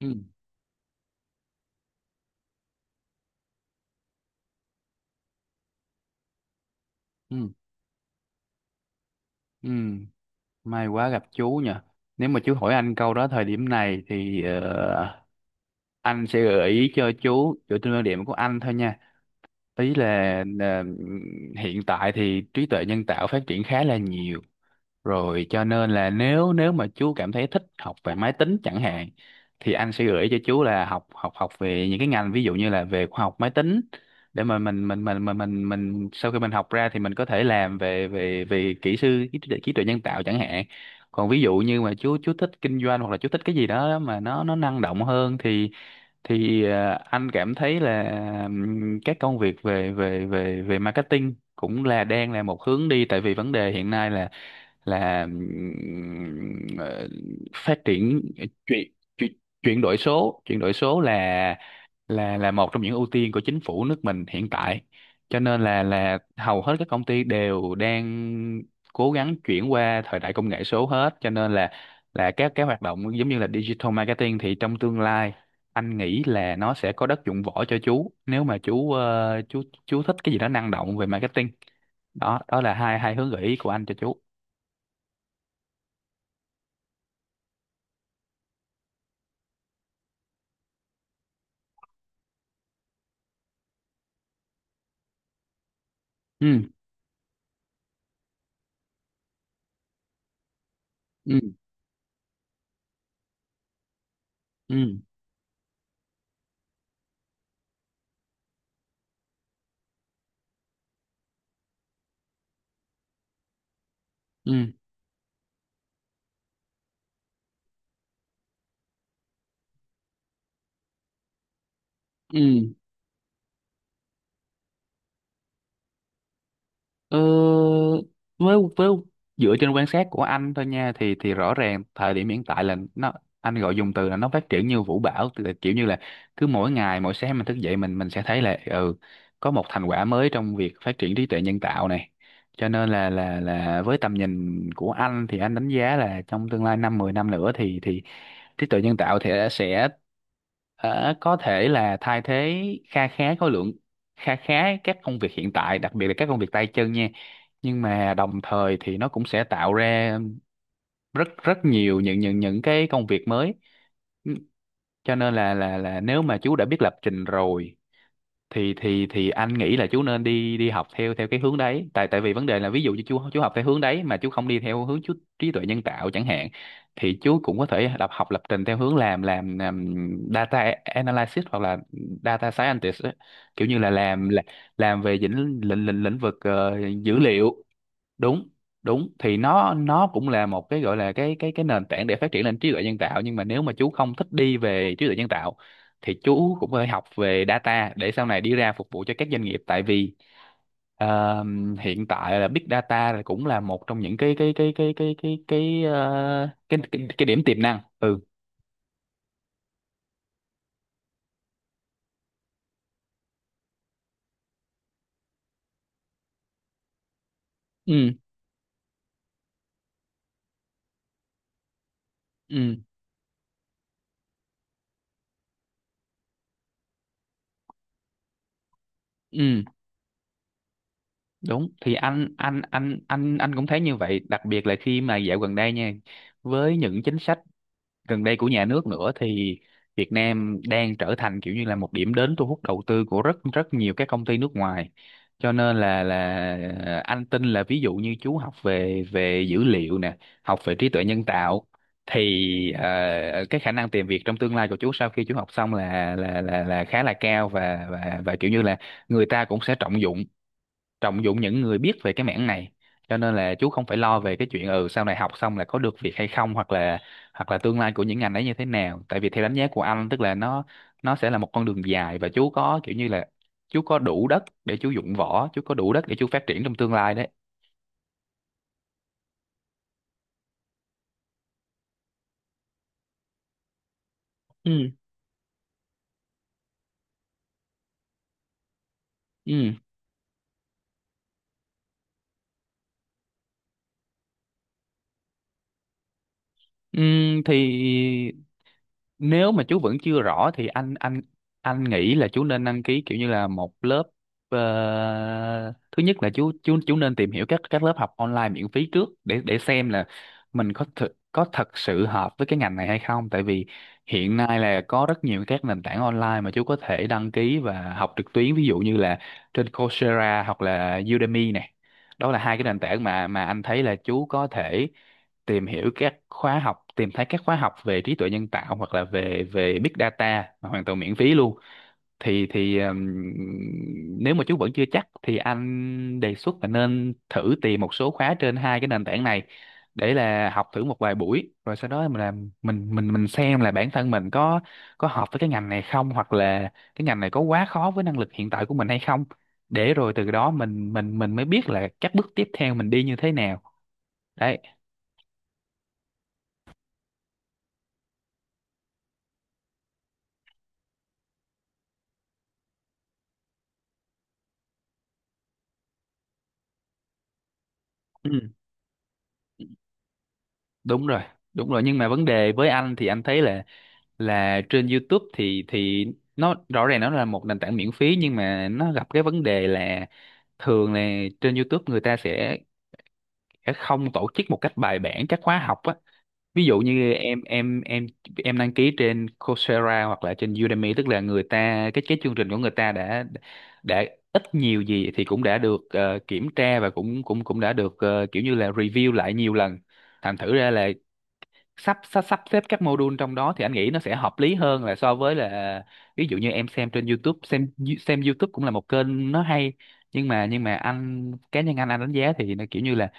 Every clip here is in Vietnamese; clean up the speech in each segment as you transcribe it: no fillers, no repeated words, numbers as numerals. Ừ, ừ, ừ. May quá gặp chú nhỉ. Nếu mà chú hỏi anh câu đó thời điểm này thì anh sẽ gợi ý cho chú dựa trên quan điểm của anh thôi nha. Ý là ờ, hiện tại thì trí tuệ nhân tạo phát triển khá là nhiều. Rồi cho nên là nếu nếu mà chú cảm thấy thích học về máy tính chẳng hạn thì anh sẽ gửi cho chú là học học học về những cái ngành ví dụ như là về khoa học máy tính, để mà mình sau khi mình học ra thì mình có thể làm về về về kỹ sư trí tuệ nhân tạo chẳng hạn. Còn ví dụ như mà chú thích kinh doanh, hoặc là chú thích cái gì đó mà nó năng động hơn thì anh cảm thấy là các công việc về về về về marketing cũng là đang là một hướng đi, tại vì vấn đề hiện nay là là ừm, ờ, phát triển chuyển chuyển chuyển đổi số là một trong những ưu tiên của chính phủ nước mình hiện tại, cho nên là hầu hết các công ty đều đang cố gắng chuyển qua thời đại công nghệ số hết, cho nên là các cái hoạt động giống như là digital marketing thì trong tương lai anh nghĩ là nó sẽ có đất dụng võ cho chú, nếu mà chú ờ, chú thích cái gì đó năng động về marketing. Đó đó là hai hai hướng gợi ý của anh cho chú. Ừ, ừ. Ừ, ừ, ừ. Ờ, với với dựa trên quan sát của anh thôi nha thì rõ ràng thời điểm hiện tại là nó, anh gọi dùng từ là nó phát triển như vũ bão, tức là kiểu như là cứ mỗi ngày, mỗi sáng mình thức dậy mình sẽ thấy là, ừ, có một thành quả mới trong việc phát triển trí tuệ nhân tạo này, cho nên là với tầm nhìn của anh thì anh đánh giá là trong tương lai năm 10 năm nữa thì trí tuệ nhân tạo thì sẽ có thể là thay thế kha khá khối lượng, khá khá các công việc hiện tại, đặc biệt là các công việc tay chân nha, nhưng mà đồng thời thì nó cũng sẽ tạo ra rất rất nhiều những cái công việc mới. Ừ, cho nên là nếu mà chú đã biết lập trình rồi thì anh nghĩ là chú nên đi đi học theo theo cái hướng đấy, tại tại vì vấn đề là ví dụ như chú học theo hướng đấy mà chú không đi theo hướng chú trí tuệ nhân tạo chẳng hạn, thì chú cũng có thể đọc học lập trình theo hướng làm data analysis hoặc là data scientist á. Kiểu như là làm về lĩnh lĩnh lĩnh lĩnh vực dữ liệu. Đúng, đúng thì nó cũng là một cái, gọi là cái nền tảng để phát triển lên trí tuệ nhân tạo, nhưng mà nếu mà chú không thích đi về trí tuệ nhân tạo thì chú cũng phải học về data để sau này đi ra phục vụ cho các doanh nghiệp, tại vì ờ, hiện tại là big data là cũng là một trong những cái ờ, cái điểm tiềm năng. Ừ, ừ, ừ, ừ. Đúng thì anh cũng thấy như vậy, đặc biệt là khi mà dạo gần đây nha, với những chính sách gần đây của nhà nước nữa thì Việt Nam đang trở thành kiểu như là một điểm đến thu hút đầu tư của rất rất nhiều các công ty nước ngoài, cho nên là anh tin là ví dụ như chú học về về dữ liệu nè, học về trí tuệ nhân tạo thì cái khả năng tìm việc trong tương lai của chú sau khi chú học xong là khá là cao, và kiểu như là người ta cũng sẽ trọng dụng những người biết về cái mảng này, cho nên là chú không phải lo về cái chuyện, ừ, sau này học xong là có được việc hay không, hoặc là tương lai của những ngành ấy như thế nào, tại vì theo đánh giá của anh tức là nó sẽ là một con đường dài, và chú có kiểu như là chú có đủ đất để chú dụng võ, chú có đủ đất để chú phát triển trong tương lai đấy. Ừ. Ừ, ừ thì nếu mà chú vẫn chưa rõ thì anh nghĩ là chú nên đăng ký kiểu như là một lớp. Thứ nhất là chú nên tìm hiểu các lớp học online miễn phí trước để xem là mình có thật sự hợp với cái ngành này hay không, tại vì hiện nay là có rất nhiều các nền tảng online mà chú có thể đăng ký và học trực tuyến, ví dụ như là trên Coursera hoặc là Udemy này. Đó là hai cái nền tảng mà anh thấy là chú có thể tìm hiểu các khóa học, tìm thấy các khóa học về trí tuệ nhân tạo hoặc là về về big data mà hoàn toàn miễn phí luôn. Thì nếu mà chú vẫn chưa chắc thì anh đề xuất là nên thử tìm một số khóa trên hai cái nền tảng này để là học thử một vài buổi, rồi sau đó mình xem là bản thân mình có hợp với cái ngành này không, hoặc là cái ngành này có quá khó với năng lực hiện tại của mình hay không, để rồi từ đó mình mới biết là các bước tiếp theo mình đi như thế nào đấy. Ừ. Đúng rồi. Đúng rồi, nhưng mà vấn đề với anh thì anh thấy là trên YouTube thì nó rõ ràng nó là một nền tảng miễn phí, nhưng mà nó gặp cái vấn đề là thường là trên YouTube người ta sẽ không tổ chức một cách bài bản các khóa học á. Ví dụ như em đăng ký trên Coursera hoặc là trên Udemy, tức là người ta, cái chương trình của người ta đã đã ít nhiều gì thì cũng đã được kiểm tra, và cũng cũng cũng đã được kiểu như là review lại nhiều lần, thành thử ra là sắp sắp sắp xếp các module trong đó thì anh nghĩ nó sẽ hợp lý hơn là so với là ví dụ như em xem trên YouTube. Xem YouTube cũng là một kênh nó hay, nhưng mà anh, cá nhân anh đánh giá thì nó kiểu như là,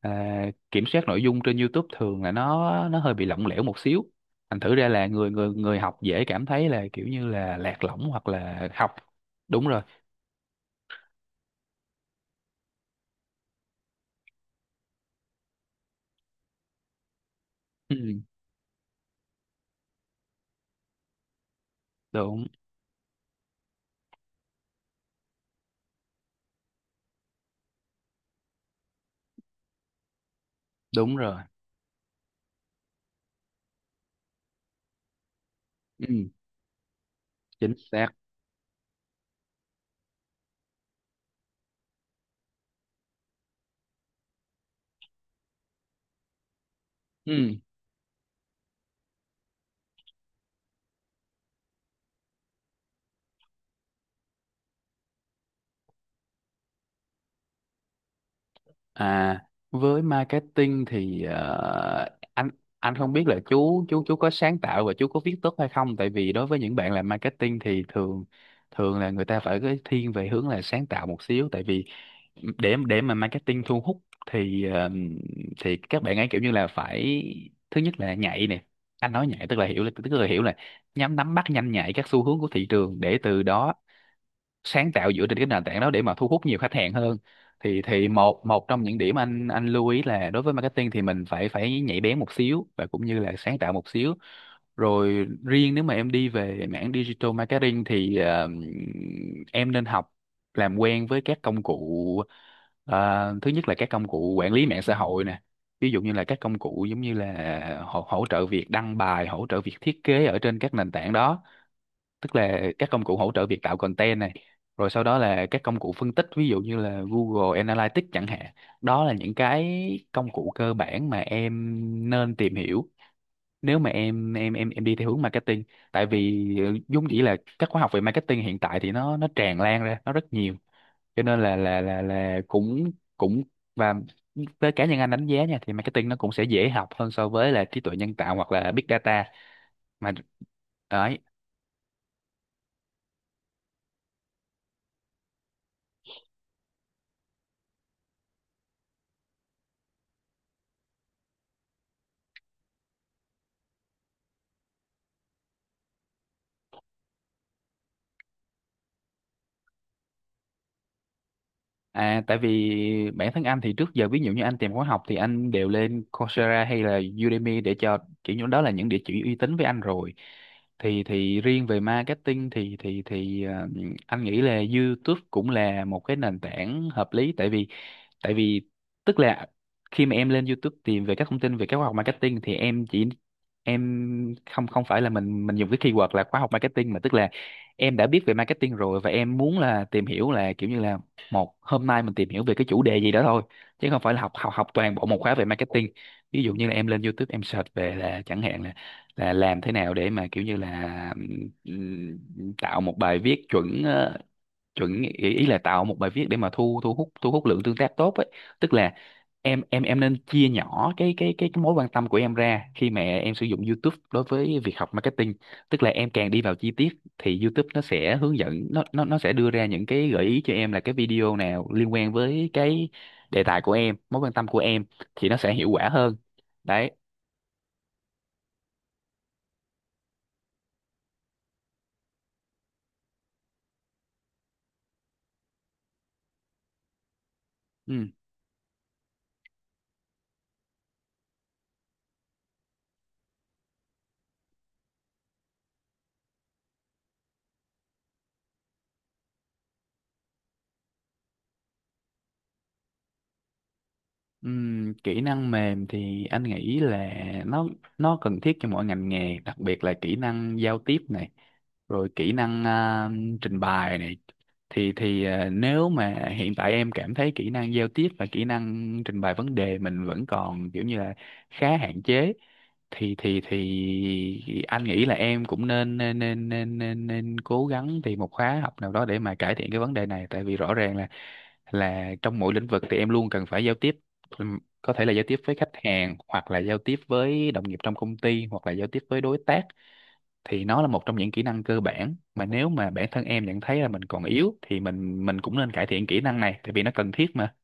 à, kiểm soát nội dung trên YouTube thường là nó hơi bị lỏng lẻo một xíu, thành thử ra là người người người học dễ cảm thấy là kiểu như là lạc lõng, hoặc là học. Đúng rồi. Ừ, đúng. Đúng rồi. Ừ, chính xác. Ừ. À, với marketing thì anh anh không biết là chú có sáng tạo và chú có viết tốt hay không, tại vì đối với những bạn làm marketing thì thường thường là người ta phải cái thiên về hướng là sáng tạo một xíu, tại vì để mà marketing thu hút thì các bạn ấy kiểu như là phải, thứ nhất là nhạy nè. Anh nói nhạy tức là hiểu là nắm bắt nhanh nhạy các xu hướng của thị trường để từ đó sáng tạo dựa trên cái nền tảng đó để mà thu hút nhiều khách hàng hơn. Thì một một trong những điểm anh lưu ý là đối với marketing thì mình phải phải nhạy bén một xíu và cũng như là sáng tạo một xíu. Rồi riêng nếu mà em đi về mảng digital marketing thì em nên học, làm quen với các công cụ. Thứ nhất là các công cụ quản lý mạng xã hội nè, ví dụ như là các công cụ giống như là hỗ trợ việc đăng bài, hỗ trợ việc thiết kế ở trên các nền tảng đó, tức là các công cụ hỗ trợ việc tạo content này. Rồi sau đó là các công cụ phân tích, ví dụ như là Google Analytics chẳng hạn. Đó là những cái công cụ cơ bản mà em nên tìm hiểu nếu mà em đi theo hướng marketing, tại vì vốn dĩ là các khóa học về marketing hiện tại thì nó tràn lan ra, nó rất nhiều, cho nên là cũng cũng và với cá nhân anh đánh giá nha, thì marketing nó cũng sẽ dễ học hơn so với là trí tuệ nhân tạo hoặc là big data mà. Đấy. À, tại vì bản thân anh thì trước giờ, ví dụ như anh tìm khóa học thì anh đều lên Coursera hay là Udemy, để cho kiểu như đó là những địa chỉ uy tín với anh rồi. Thì riêng về marketing thì anh nghĩ là YouTube cũng là một cái nền tảng hợp lý. Tại vì tức là khi mà em lên YouTube tìm về các thông tin về các khóa học marketing thì em chỉ em không không phải là mình dùng cái keyword là khóa học marketing, mà tức là em đã biết về marketing rồi và em muốn là tìm hiểu là kiểu như là một hôm nay mình tìm hiểu về cái chủ đề gì đó thôi, chứ không phải là học học học toàn bộ một khóa về marketing. Ví dụ như là em lên YouTube em search về là chẳng hạn là làm thế nào để mà kiểu như là ừm, tạo một bài viết chuẩn, chuẩn ý, ý là tạo một bài viết để mà thu thu hút lượng tương tác tốt ấy, tức là em nên chia nhỏ cái mối quan tâm của em ra khi mà em sử dụng YouTube đối với việc học marketing. Tức là em càng đi vào chi tiết thì YouTube nó sẽ hướng dẫn, nó sẽ đưa ra những cái gợi ý cho em là cái video nào liên quan với cái đề tài của em, mối quan tâm của em, thì nó sẽ hiệu quả hơn. Đấy. Ừ. Kỹ năng mềm thì anh nghĩ là nó cần thiết cho mỗi ngành nghề, đặc biệt là kỹ năng giao tiếp này, rồi kỹ năng trình bày này. Nếu mà hiện tại em cảm thấy kỹ năng giao tiếp và kỹ năng trình bày vấn đề mình vẫn còn kiểu như là khá hạn chế, thì anh nghĩ là em cũng nên nên nên nên nên, nên cố gắng tìm một khóa học nào đó để mà cải thiện cái vấn đề này. Tại vì rõ ràng là trong mỗi lĩnh vực thì em luôn cần phải giao tiếp. Có thể là giao tiếp với khách hàng hoặc là giao tiếp với đồng nghiệp trong công ty hoặc là giao tiếp với đối tác, thì nó là một trong những kỹ năng cơ bản mà nếu mà bản thân em nhận thấy là mình còn yếu thì mình cũng nên cải thiện kỹ năng này, tại vì nó cần thiết mà.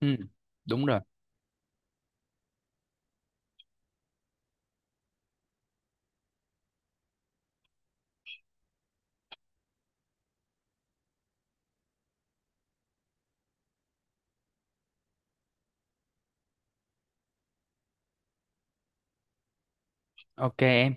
Ừ, đúng rồi. Ok em.